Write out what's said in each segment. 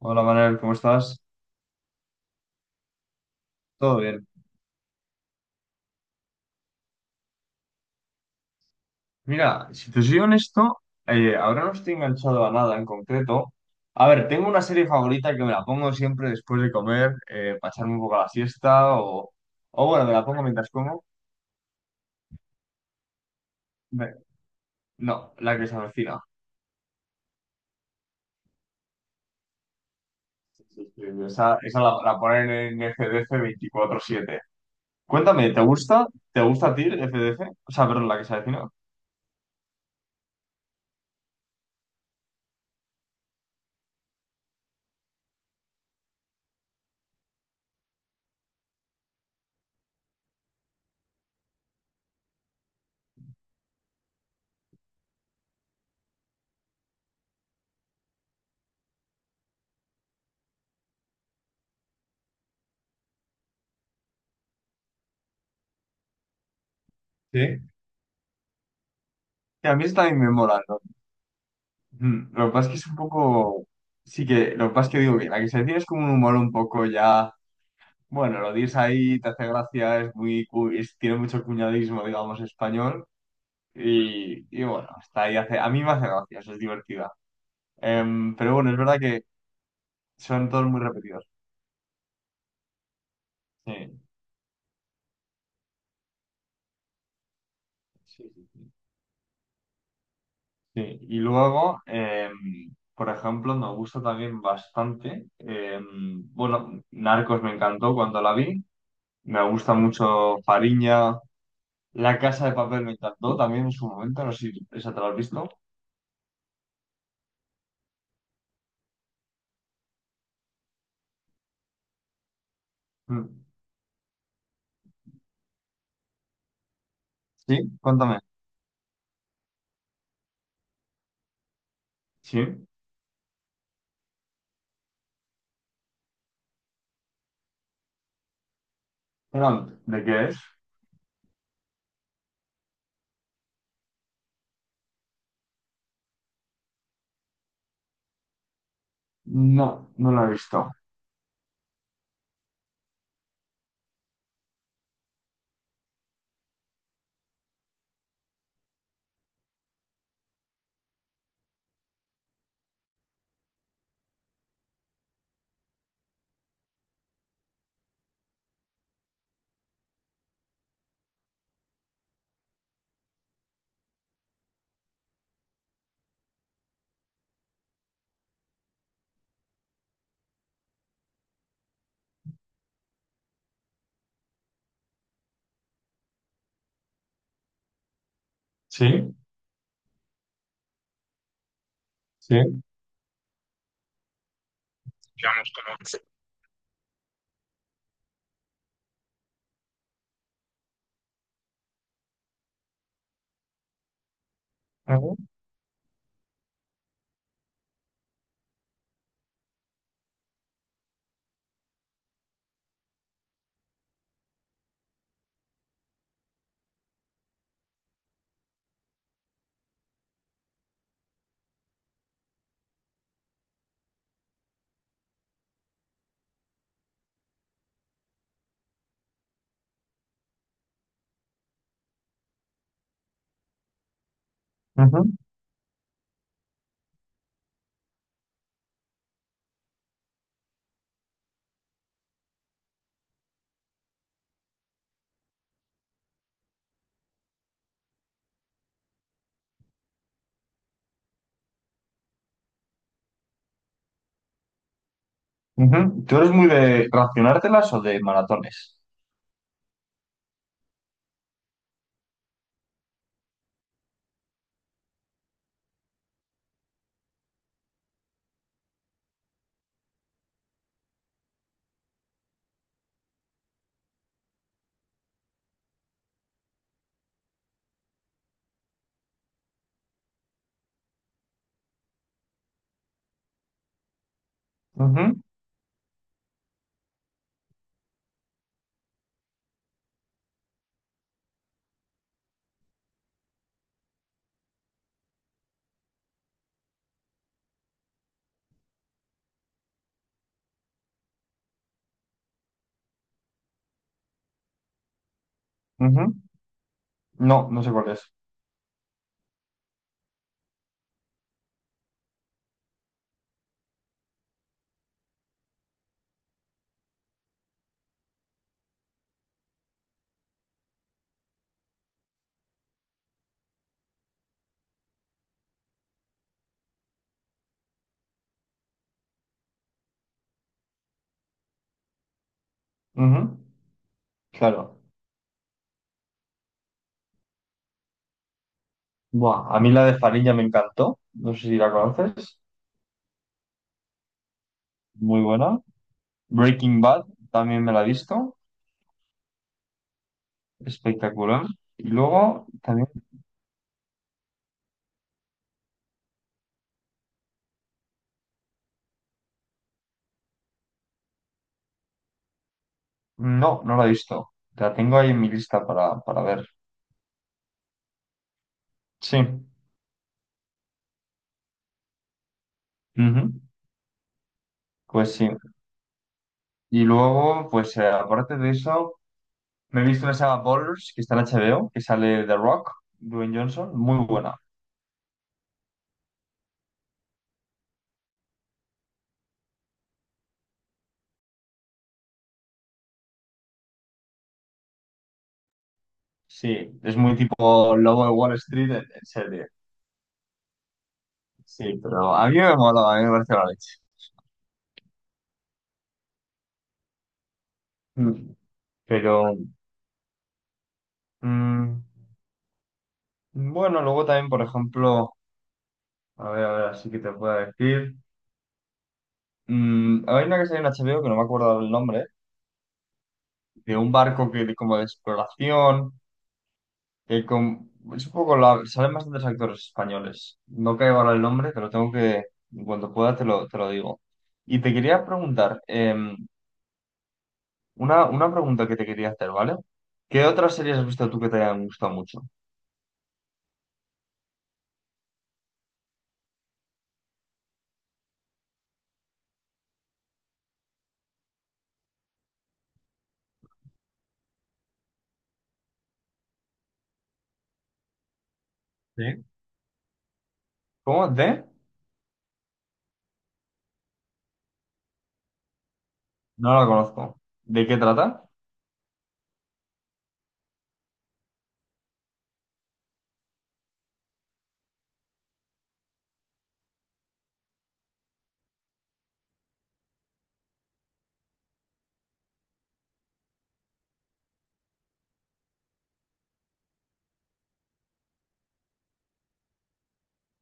Hola Manuel, ¿cómo estás? Todo bien. Mira, si te soy honesto, ahora no estoy enganchado a nada en concreto. A ver, tengo una serie favorita que me la pongo siempre después de comer, para echarme un poco la siesta o bueno, me la pongo mientras como. Me- No, la que se avecina. Sí, sí, sí, esa, esa la ponen en FDF 24/7. Cuéntame, ¿te gusta? ¿Te gusta a ti FDF? O sea, perdón, la que se avecina. Sí. Que a mí esa también me mola, ¿no? Mm, lo que pasa es que es un poco. Sí que, lo que pasa es que digo que la que se decide es como un humor un poco ya. Bueno, lo dices ahí, te hace gracia, es muy, tiene mucho cuñadismo, digamos, español. Y bueno, está ahí, hace, a mí me hace gracia, eso es divertida. Pero bueno, es verdad que son todos muy repetidos. Sí, sí, sí. Sí, sí, y luego, por ejemplo, me gusta también bastante. Bueno, Narcos me encantó cuando la vi. Me gusta mucho Fariña. La Casa de Papel me encantó también en su momento, no sé si esa te la has visto. Mm. Sí, cuéntame. Sí. Perdón, ¿de qué es? No, no la he visto. Sí, sí. Digamos, como que sí. Ujú, ujú, ujú. ¿Tú eres muy de racionártelas o de maratones? Ujú, ujú. No, no sé cuál es. Ujú, claro. Buah, a mí la de Farilla me encantó. No sé si la conoces. Muy buena. Breaking Bad también me la he visto. Espectacular. Y luego también no, no la he visto. La tengo ahí en mi lista para ver. Sí. Ujú. Pues sí. Y luego, pues aparte de eso, me he visto la saga Ballers, que está en HBO, que sale The Rock, Dwayne Johnson. Muy buena. Sí, es muy tipo Lobo de Wall Street en serie. Sí, pero a mí me mola, a mí me parece la leche. Mm. Pero, mm, bueno, luego también, por ejemplo, a ver, así que te puedo decir. Mm, hay una que sale en HBO que no me acuerdo el nombre de un barco que como de exploración, que con, es un poco la, salen bastantes actores españoles. No caigo ahora el nombre, pero tengo que, en cuanto pueda, te lo digo. Y te quería preguntar, una pregunta que te quería hacer, ¿vale? ¿Qué otras series has visto tú que te hayan gustado mucho? Sí. ¿Cómo? ¿De? No la conozco. ¿De qué trata?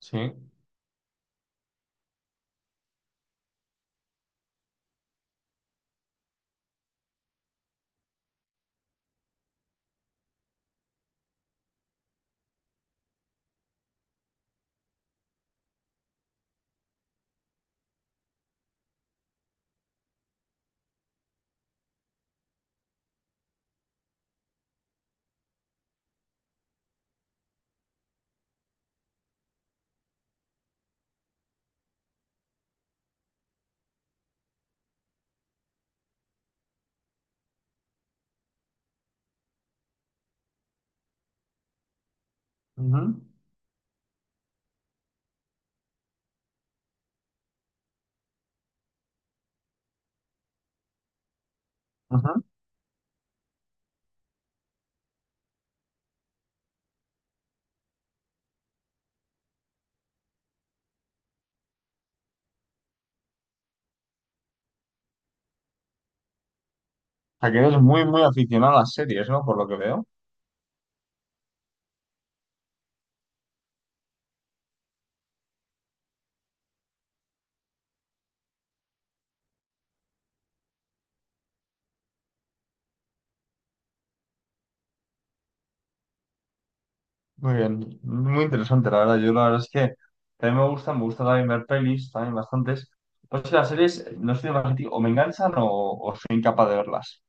Sí. Ujú, ujú. O sea, que eres muy, muy aficionado a las series, ¿no? Por lo que veo. Muy bien, muy interesante, la verdad. Yo la verdad es que también me gusta también ver pelis, también bastantes. Pues sí, las series, no soy demasiado, o me enganchan o soy incapaz de verlas.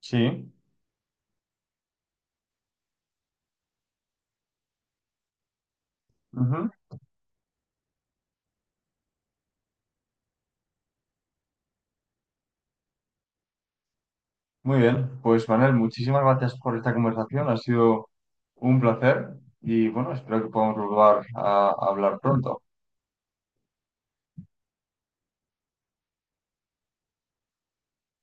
Sí, ujú. Muy bien. Pues Manuel, muchísimas gracias por esta conversación, ha sido un placer y bueno, espero que podamos volver a hablar pronto.